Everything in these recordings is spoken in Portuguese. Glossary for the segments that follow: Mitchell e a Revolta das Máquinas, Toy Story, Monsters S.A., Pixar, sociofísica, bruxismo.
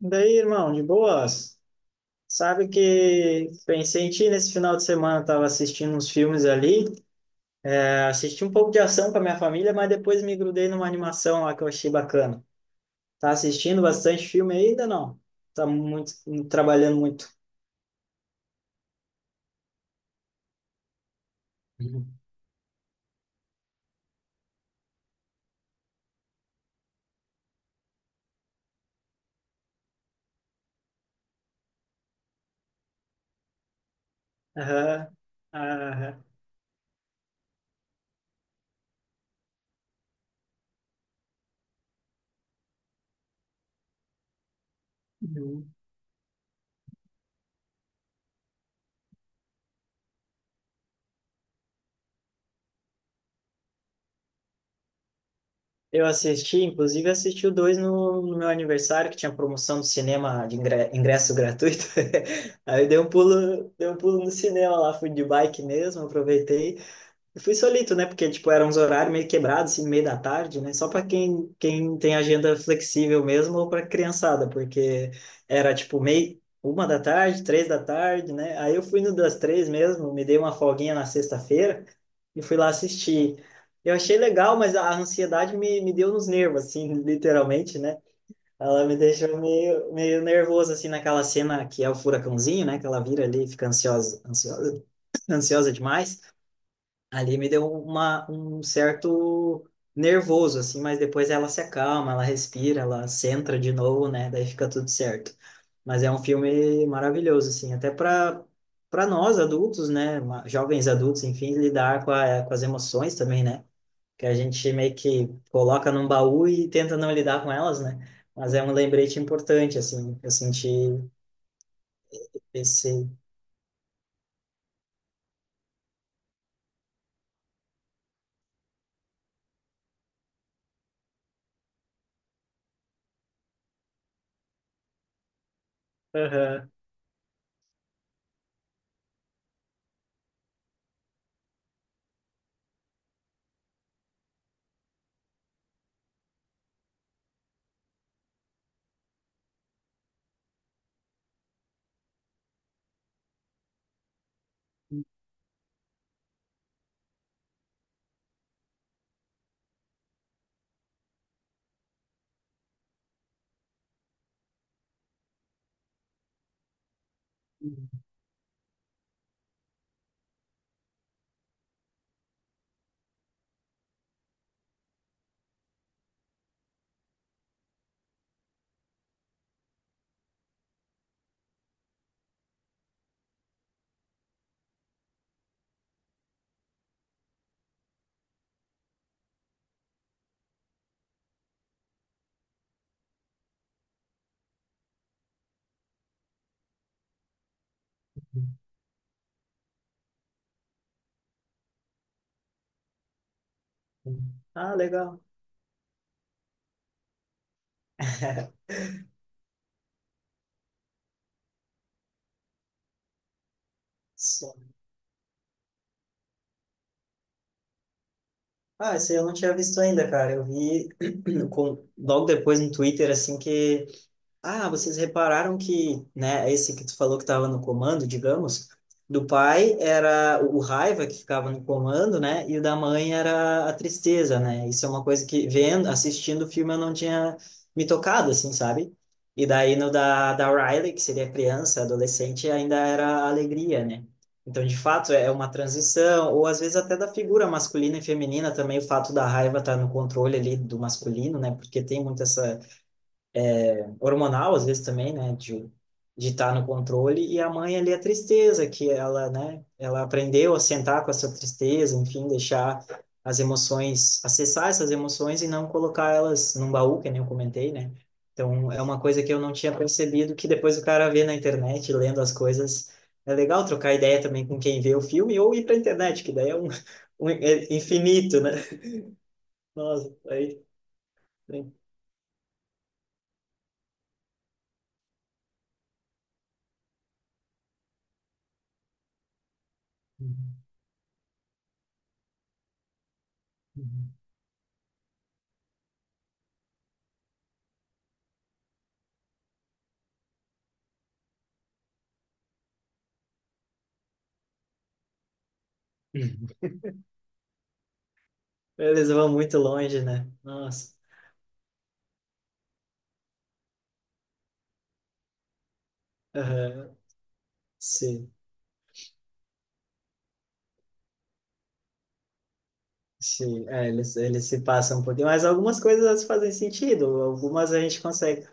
Daí, irmão, de boas. Sabe que pensei em ti nesse final de semana, tava assistindo uns filmes ali. É, assisti um pouco de ação com a minha família, mas depois me grudei numa animação lá que eu achei bacana. Tá assistindo bastante filme ainda, não? Tá muito, trabalhando muito. Uhum. Aham, aham. Uhum. Eu assisti, inclusive assisti o dois no meu aniversário, que tinha promoção do cinema de ingresso gratuito. Aí eu dei um pulo no cinema lá, fui de bike mesmo, aproveitei. Eu fui solito, né? Porque, tipo, eram uns horários meio quebrados, assim, no meio da tarde, né? Só para quem tem agenda flexível mesmo ou para criançada, porque era, tipo, meio, 1 da tarde, 3 da tarde, né? Aí eu fui no das três mesmo, me dei uma folguinha na sexta-feira e fui lá assistir. Eu achei legal, mas a ansiedade me deu nos nervos, assim, literalmente, né? Ela me deixou meio nervoso, assim, naquela cena que é o furacãozinho, né? Que ela vira ali e fica ansiosa, ansiosa, ansiosa demais ali me deu um certo nervoso, assim, mas depois ela se acalma, ela respira, ela centra de novo, né? Daí fica tudo certo. Mas é um filme maravilhoso, assim, até para nós adultos, né? Jovens adultos, enfim, lidar com as emoções também, né? Que a gente meio que coloca num baú e tenta não lidar com elas, né? Mas é um lembrete importante, assim, eu senti esse. Aham. Ah, legal. Só. Ah, esse eu não tinha visto ainda, cara. Eu vi logo depois no Twitter, assim, que ah, vocês repararam que, né, esse que tu falou que estava no comando, digamos, do pai era o raiva que ficava no comando, né, e o da mãe era a tristeza, né? Isso é uma coisa que vendo, assistindo o filme eu não tinha me tocado, assim, sabe? E daí no da Riley, que seria criança, adolescente, ainda era a alegria, né? Então, de fato, é uma transição, ou às vezes até da figura masculina e feminina também, o fato da raiva estar no controle ali do masculino, né? Porque tem muito essa hormonal, às vezes também, né, de estar no controle, e a mãe ali a tristeza que ela, né, ela aprendeu a sentar com essa tristeza, enfim, deixar as emoções, acessar essas emoções e não colocar elas num baú, que nem eu comentei, né? Então, é uma coisa que eu não tinha percebido, que depois o cara vê na internet, lendo as coisas, é legal trocar ideia também com quem vê o filme ou ir pra internet, que daí é um, um é infinito, né? Nossa, aí. Uhum. Eles vão muito longe, né? Nossa. Aham. Sim, sim. É, eles se passam um pouquinho, mas algumas coisas fazem sentido, algumas a gente consegue.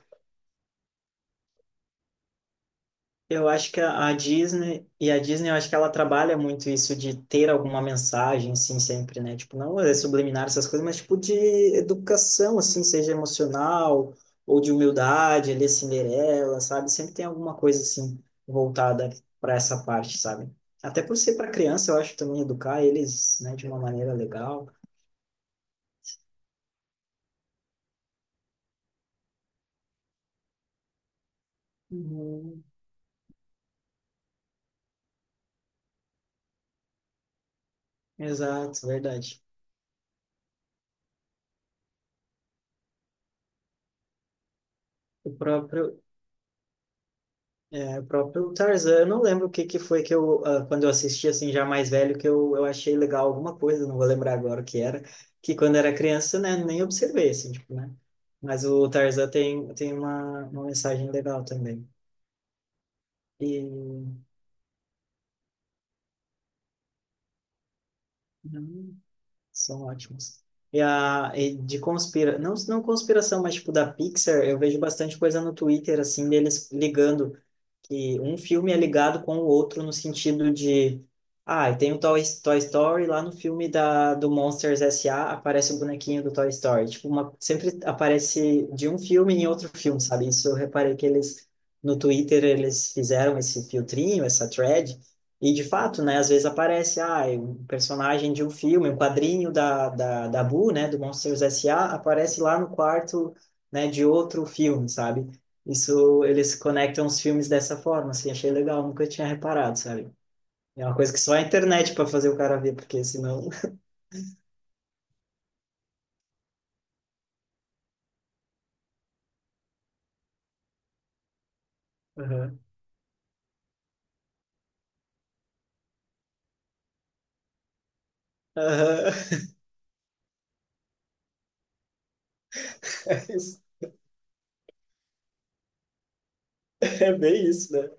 Eu acho que a Disney, e a Disney, eu acho que ela trabalha muito isso de ter alguma mensagem, assim, sempre, né? Tipo, não é subliminar essas coisas, mas tipo de educação, assim, seja emocional ou de humildade, ali, Cinderela, sabe? Sempre tem alguma coisa, assim, voltada para essa parte, sabe? Até por ser para criança, eu acho também educar eles, né, de uma maneira legal. Uhum. Exato, verdade. O próprio. É, o próprio Tarzan, eu não lembro o que que foi que eu, ah, quando eu assisti assim já mais velho, que eu achei legal alguma coisa, não vou lembrar agora o que era, que quando era criança, né, nem observei, assim, tipo, né? Mas o Tarzan tem uma mensagem legal também. E hum, são ótimos. E de não, não conspiração, mas tipo da Pixar, eu vejo bastante coisa no Twitter, assim, deles ligando que um filme é ligado com o outro no sentido de, ah, tem o Toy Story lá no filme do Monsters S.A. aparece o bonequinho do Toy Story. Tipo, sempre aparece de um filme em outro filme, sabe? Isso eu reparei que eles no Twitter eles fizeram esse filtrinho, essa thread, e de fato, né, às vezes aparece, ah, um personagem de um filme, um quadrinho da Boo, né, do Monsters S.A., aparece lá no quarto, né, de outro filme, sabe? Isso, eles conectam os filmes dessa forma, assim, achei legal, nunca tinha reparado, sabe? É uma coisa que só a internet para fazer o cara ver, porque senão. Aham. Aham. É isso. É bem isso, né?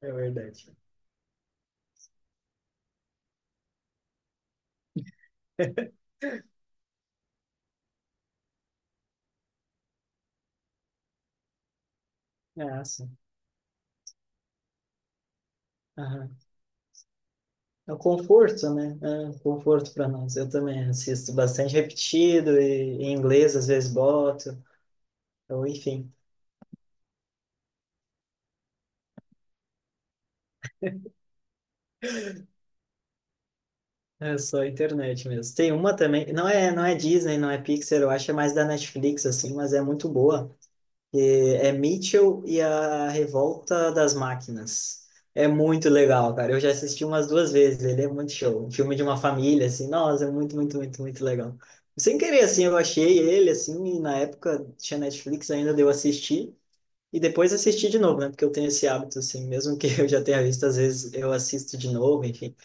É verdade. Ah, sim. Aham. É o conforto, né? É, conforto para nós. Eu também assisto bastante repetido e em inglês às vezes boto. Então, enfim, é só a internet mesmo. Tem uma também, não é, não é Disney, não é Pixar, eu acho é mais da Netflix assim, mas é muito boa. Que é Mitchell e a Revolta das Máquinas. É muito legal, cara. Eu já assisti umas duas vezes, ele é muito show. Um filme de uma família, assim, nossa, é muito, muito, muito, muito legal. Sem querer, assim, eu achei ele, assim, e na época tinha Netflix ainda, deu assistir, e depois assisti de novo, né? Porque eu tenho esse hábito, assim, mesmo que eu já tenha visto, às vezes eu assisto de novo, enfim.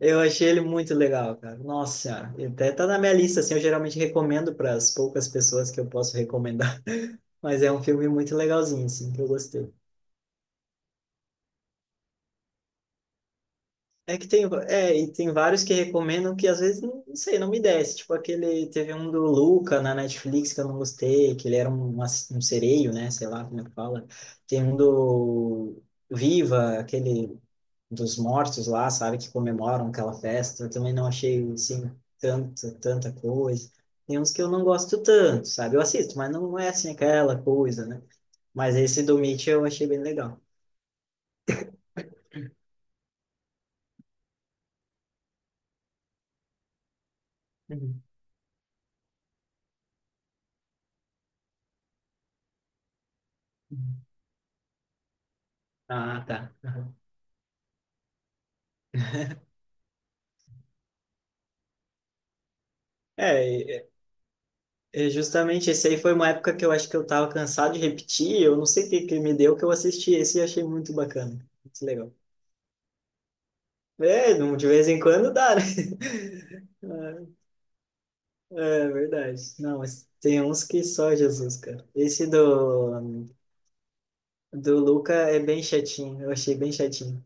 Eu achei ele muito legal, cara. Nossa senhora, ele até tá na minha lista, assim, eu geralmente recomendo para as poucas pessoas que eu posso recomendar, mas é um filme muito legalzinho, assim, que eu gostei. É que tem, é, e tem vários que recomendam que às vezes, não, não sei, não me desce, tipo aquele, teve um do Luca na Netflix que eu não gostei, que ele era um sereio, né, sei lá como é que fala. Tem um do Viva, aquele dos mortos lá, sabe, que comemoram aquela festa. Eu também não achei, assim, tanta, tanta coisa. Tem uns que eu não gosto tanto, sabe? Eu assisto, mas não é, assim, aquela coisa, né? Mas esse do Mitch eu achei bem legal. Uhum. Ah, tá. Aham. É, e- e justamente esse aí foi uma época que eu acho que eu tava cansado de repetir, eu não sei o que que me deu que eu assisti esse e achei muito bacana, muito legal. É, de vez em quando dá, né? É verdade. Não, mas tem uns que só Jesus, cara. Esse do Luca é bem chatinho. Eu achei bem chatinho.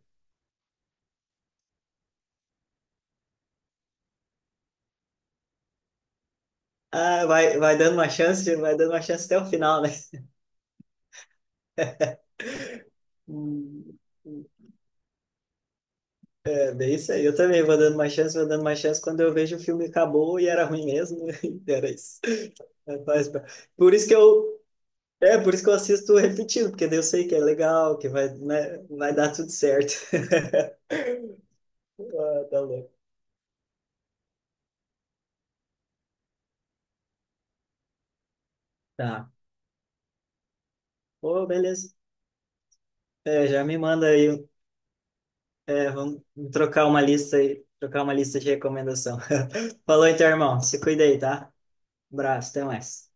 Ah, vai, vai dando uma chance, vai dando uma chance até o final, né? Hum. É bem isso aí. Eu também vou dando uma chance, vou dando uma chance. Quando eu vejo o filme acabou e era ruim mesmo, e era isso. É, Por isso que eu, é, por isso que eu assisto repetido, porque daí eu sei que é legal, que vai, né, vai dar tudo certo. Ah, tá louco. Tá. Ô, beleza. É, já me manda aí. É, vamos trocar uma lista aí, trocar uma lista de recomendação. Falou então, irmão. Se cuida aí, tá? Abraço, até mais.